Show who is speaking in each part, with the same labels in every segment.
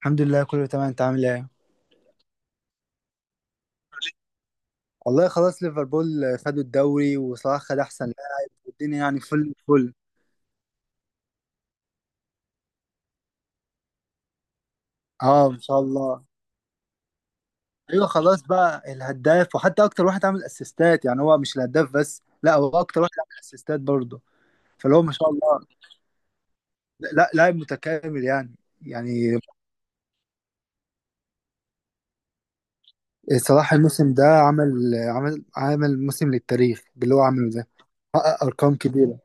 Speaker 1: الحمد لله كله تمام، انت عامل ايه؟ والله خلاص ليفربول خدوا الدوري وصلاح خد احسن لاعب. والدنيا يعني فل فل. اه، ما شاء الله. ايوه، خلاص بقى الهداف، وحتى اكتر واحد عامل اسيستات. يعني هو مش الهداف بس، لا، هو اكتر واحد عامل اسيستات برضه. فاللي هو ما شاء الله، لا لاعب متكامل يعني. صلاح الموسم ده عمل موسم للتاريخ باللي هو عمله ده. حقق ارقام كبيره.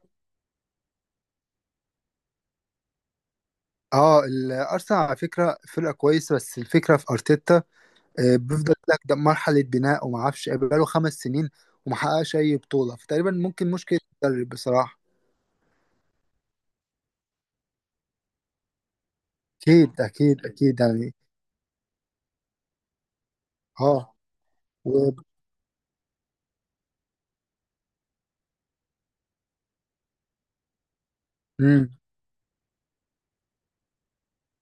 Speaker 1: اه، الارسنال على فكره فرقه كويسه، بس الفكره في ارتيتا. بيفضل يقول لك ده مرحله بناء وما اعرفش بقاله خمس سنين وما حققش اي بطوله، فتقريبا ممكن مشكله المدرب بصراحه. اكيد اكيد اكيد يعني. اه و... مم.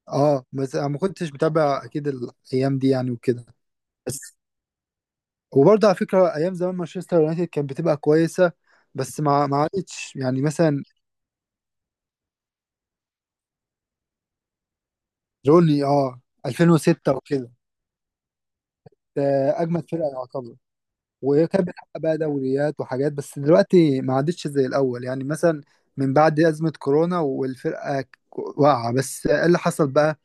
Speaker 1: اه، بس انا ما كنتش متابع اكيد الايام دي يعني وكده. بس، وبرضه على فكره ايام زمان مانشستر يونايتد كانت بتبقى كويسه، بس ما ما عادتش، يعني مثلا روني، اه، 2006 وكده. ده اجمد فرقه يعتبر، وكان بيتحقق بقى دوريات وحاجات، بس دلوقتي ما عادتش زي الأول، يعني مثلا من بعد أزمة كورونا والفرقة واقعة. بس إيه اللي حصل بقى؟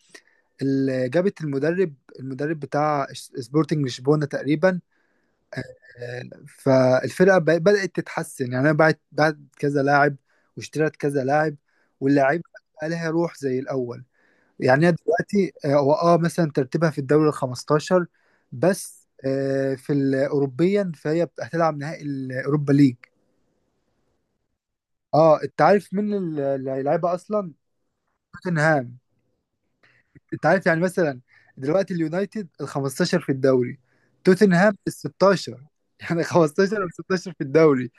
Speaker 1: اللي جابت المدرب بتاع سبورتنج لشبونة تقريبا. آه، فالفرقة بدأت تتحسن، يعني أنا بعت كذا لاعب واشتريت كذا لاعب، واللاعب بقى لها روح زي الأول. يعني هي دلوقتي هو مثلا ترتيبها في الدوري ال 15، بس في الاوروبيا فهي هتلعب نهائي الاوروبا ليج. اه، انت عارف مين اللي هيلعبها اصلا؟ توتنهام. انت عارف، يعني مثلا دلوقتي اليونايتد ال 15 في الدوري، توتنهام ال 16، يعني 15 و 16 في الدوري،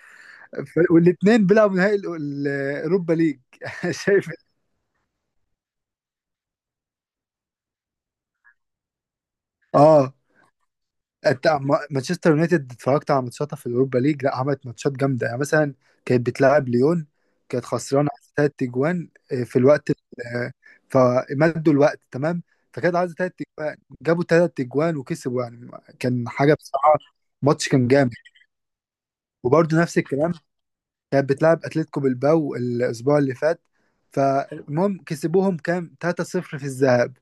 Speaker 1: والاثنين بيلعبوا نهائي الاوروبا ليج. شايف؟ اه. أنت، مانشستر يونايتد اتفرجت على ماتشاتها في الأوروبا ليج؟ لا، عملت ماتشات جامدة، يعني مثلا كانت بتلاعب ليون، كانت خسرانة ثلاث أجوان في الوقت آه، فمدوا الوقت تمام، فكانت عايزة ثلاث أجوان، جابوا ثلاث أجوان وكسبوا، يعني كان حاجة بصراحة. ماتش كان جامد. وبرضه نفس الكلام، كانت بتلعب أتلتيكو بالباو الأسبوع اللي فات. فالمهم كسبوهم كام 3-0 في الذهاب،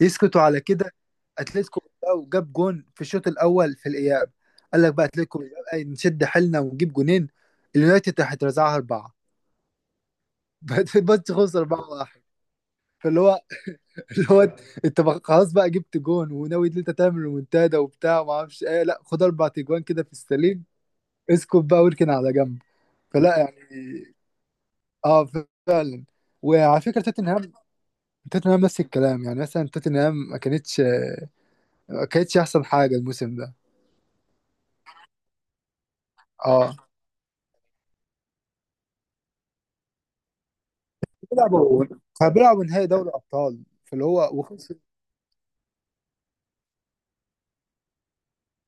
Speaker 1: يسكتوا على كده؟ اتلتيكو بيلباو جاب جون في الشوط الاول في الاياب. قال لك بقى اتلتيكو بيلباو، أي نشد حيلنا ونجيب جونين. اليونايتد راح يترزعها اربعه. بس خسر 4-1. فاللي هو اللي هو انت خلاص بقى جبت جون وناوي ان انت تعمل ريمونتادا وبتاع وما اعرفش ايه؟ لا، خد اربع تجوان كده في السليم. اسكت بقى واركن على جنب. فلا يعني. اه، فعلا. وعلى فكره توتنهام نفس الكلام. يعني مثلا توتنهام ما كانتش احسن حاجه الموسم ده. اه، بيلعبوا كانوا بيلعبوا نهائي دوري ابطال فاللي هو وخسر.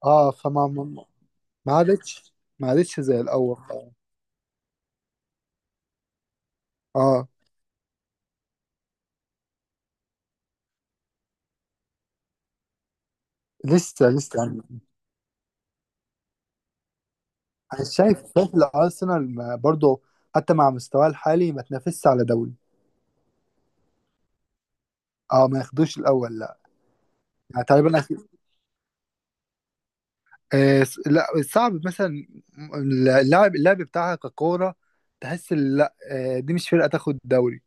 Speaker 1: اه، فما ما عادتش زي الاول. اه. آه، لسه لسه يعني. انا شايف، الارسنال، برضه حتى مع مستواه الحالي ما تنافسش على دوري. اه، ما ياخدوش الاول، لا. يعني تقريبا لا، صعب. مثلا اللاعب بتاعها ككوره، تحس إن لا، دي مش فرقه تاخد دوري.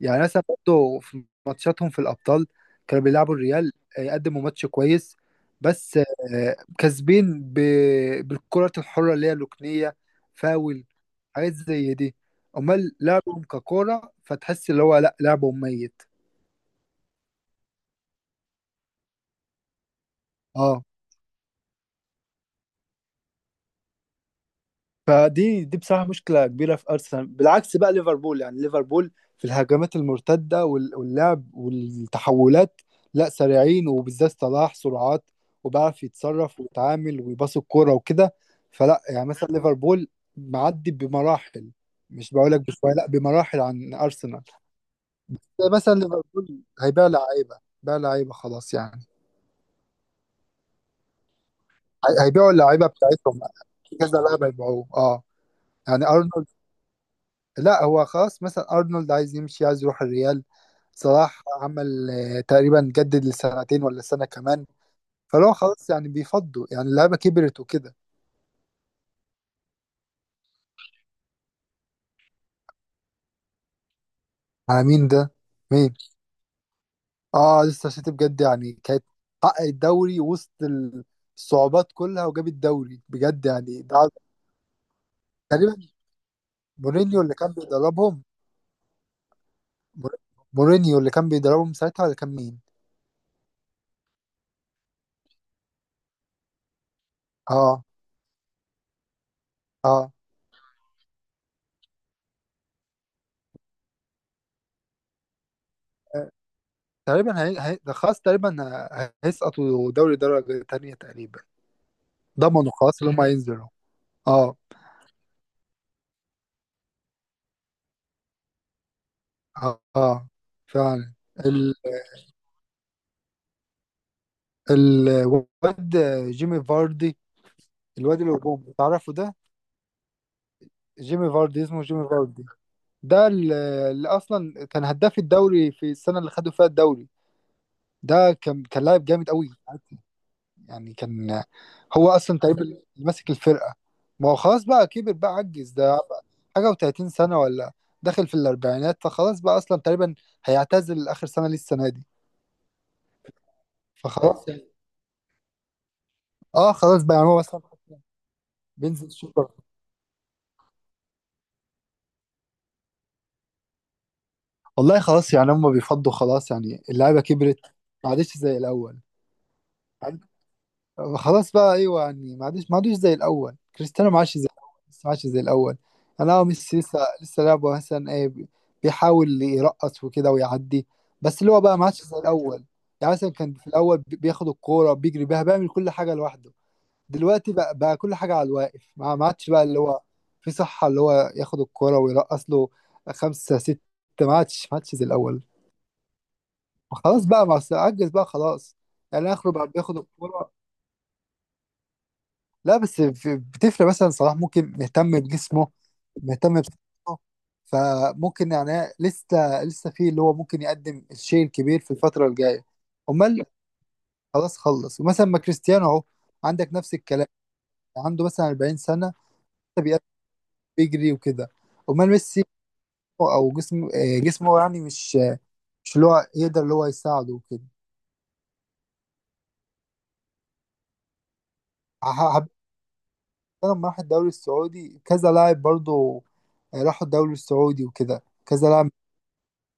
Speaker 1: يعني مثلا برضه في ماتشاتهم في الأبطال كانوا بيلعبوا الريال، قدموا ماتش كويس، بس كسبين بالكرة الحرة اللي هي الركنية، فاول حاجات زي دي. أمال لعبهم ككورة فتحس اللي هو لأ، لعبهم ميت. اه، فدي بصراحة مشكلة كبيرة في أرسنال. بالعكس بقى ليفربول، يعني ليفربول في الهجمات المرتدة واللعب والتحولات، لا، سريعين، وبالذات صلاح، سرعات، وبيعرف يتصرف ويتعامل ويباص الكورة وكده. فلا يعني، مثلا ليفربول معدي بمراحل. مش بقول لك بشوية، لا، بمراحل عن أرسنال. زي مثلا ليفربول هيبيع لعيبة، بيع لعيبة خلاص يعني. هيبيعوا اللعيبة بتاعتهم، كذا لاعب هيبيعوه، اه. يعني أرنولد، لا هو خلاص مثلا ارنولد عايز يمشي، عايز يروح الريال. صلاح عمل تقريبا جدد لسنتين ولا سنة كمان. فلو خلاص يعني بيفضوا، يعني اللعيبة كبرت وكده. على مين ده؟ مين؟ اه، لسه سيتي بجد يعني، كانت حقق الدوري وسط الصعوبات كلها وجاب الدوري، بجد يعني ده. تقريبا مورينيو اللي كان بيدربهم. مور- مورينيو اللي كان بيدربهم ساعتها، ولا كان مين؟ اه. اه، تقريبا ده خلاص تقريبا هيسقطوا دوري درجة تانية تقريبا. ضمنوا خلاص اللي هم هينزلوا. اه. اه، فعلا. ال... الواد، جيمي فاردي، الواد الهجوم تعرفه ده؟ جيمي فاردي اسمه، جيمي فاردي. ده اللي اصلا كان هداف الدوري في السنه اللي خدوا فيها الدوري. ده كان، لاعب جامد قوي. يعني كان، هو اصلا تقريبا اللي ماسك الفرقه. ما هو خلاص بقى كبر، بقى عجز ده. حاجه و30 سنه، ولا داخل في الاربعينات، فخلاص بقى اصلا تقريبا هيعتزل اخر سنه ليه السنه دي. فخلاص. اه، خلاص بقى يعني هو مثلا بينزل الشوط. والله خلاص يعني هم بيفضوا خلاص، يعني اللعيبه كبرت، ما عادش زي الاول. عاد- خلاص بقى، ايوه يعني ما عادش، ما عادش زي الاول، كريستيانو ما عادش زي الاول، لسه ما عادش زي الاول. انا هو ميسي لسه لسه لعبه، مثلا ايه، بيحاول يرقص وكده ويعدي، بس اللي هو بقى ما عادش زي الاول. يعني مثلا كان في الاول بياخد الكوره، بيجري بيها، بيعمل كل حاجه لوحده. دلوقتي بقى، كل حاجة على الواقف، ما عادش بقى اللي هو في صحة اللي هو ياخد الكرة ويرقص له خمسة ستة. ما عادش زي الأول. خلاص بقى، ما أصل عجز بقى، خلاص. يعني آخره بقى بياخد الكرة. لا، بس بتفرق، مثلا صلاح ممكن مهتم بجسمه، مهتم بصحته، فممكن يعني لسه لسه في اللي هو ممكن يقدم الشيء الكبير في الفترة الجاية. أمال. خلص، ومثلا ما كريستيانو أهو، عندك نفس الكلام. عنده مثلا 40 سنة بيجري وكده. امال ميسي، او جسم جسمه يعني مش مش اللي هو يقدر اللي هو يساعده وكده. ح- ح- لما راح الدوري السعودي كذا لاعب برضه، راحوا الدوري السعودي وكده، كذا لاعب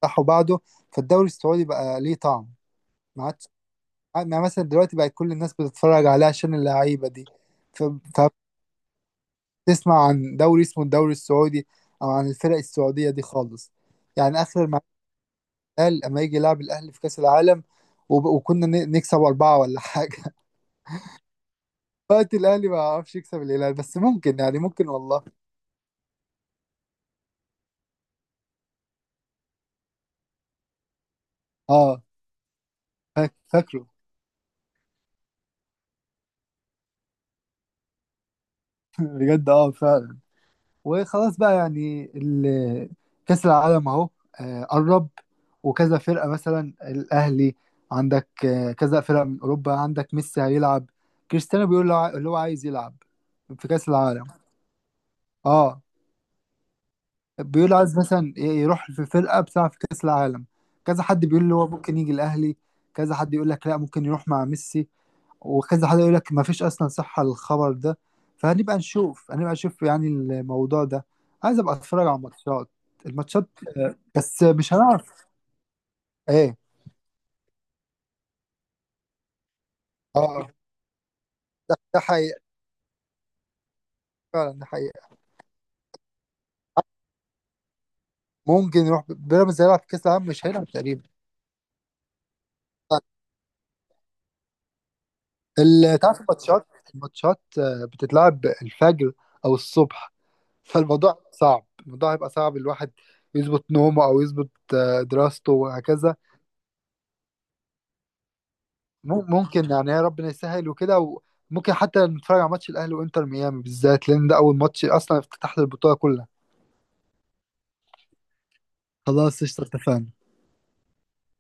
Speaker 1: راحوا بعده. فالدوري السعودي بقى ليه طعم، ما عادش. يعني مثلا دلوقتي بقى كل الناس بتتفرج عليه عشان اللعيبة دي. ف- فبتسمع عن دوري اسمه الدوري السعودي، او عن الفرق السعودية دي خالص. يعني اخر، الهلال اما يجي يلعب الاهلي في كاس العالم، وكنا نكسب اربعه ولا حاجه. وقت الاهلي ما عرفش يكسب الهلال، بس ممكن يعني، ممكن والله. اه. فاكره؟ بجد، اه فعلا. وخلاص بقى يعني كاس العالم اهو، قرب، وكذا فرقه، مثلا الاهلي عندك، كذا فرقه من اوروبا، عندك ميسي هيلعب، كريستيانو بيقول له اللي هو عايز يلعب في كاس العالم. اه، بيقول عايز مثلا يروح في فرقة بتلعب في كأس العالم. كذا حد بيقول اللي هو ممكن يجي الأهلي، كذا حد يقول لك لا، ممكن يروح مع ميسي، وكذا حد يقول لك ما فيش أصلا صحة للخبر ده. فهنبقى نشوف هنبقى نشوف يعني الموضوع ده. عايز أبقى أتفرج على الماتشات. بس مش هنعرف إيه. اه. ده حقيقة. فعلا، ده حقيقة. ممكن يروح بيراميدز، هيلعب في كأس العالم مش هيلعب، تقريبا. تعرف الماتشات، الماتشات بتتلعب الفجر أو الصبح، فالموضوع صعب، الموضوع هيبقى صعب الواحد يظبط نومه، او يظبط دراسته وهكذا. ممكن يعني، يا ربنا يسهل وكده. وممكن حتى نتفرج على ماتش الاهلي وانتر ميامي، بالذات لان ده اول ماتش اصلا، افتتاح للبطوله كلها. خلاص قشطه، اتفقنا.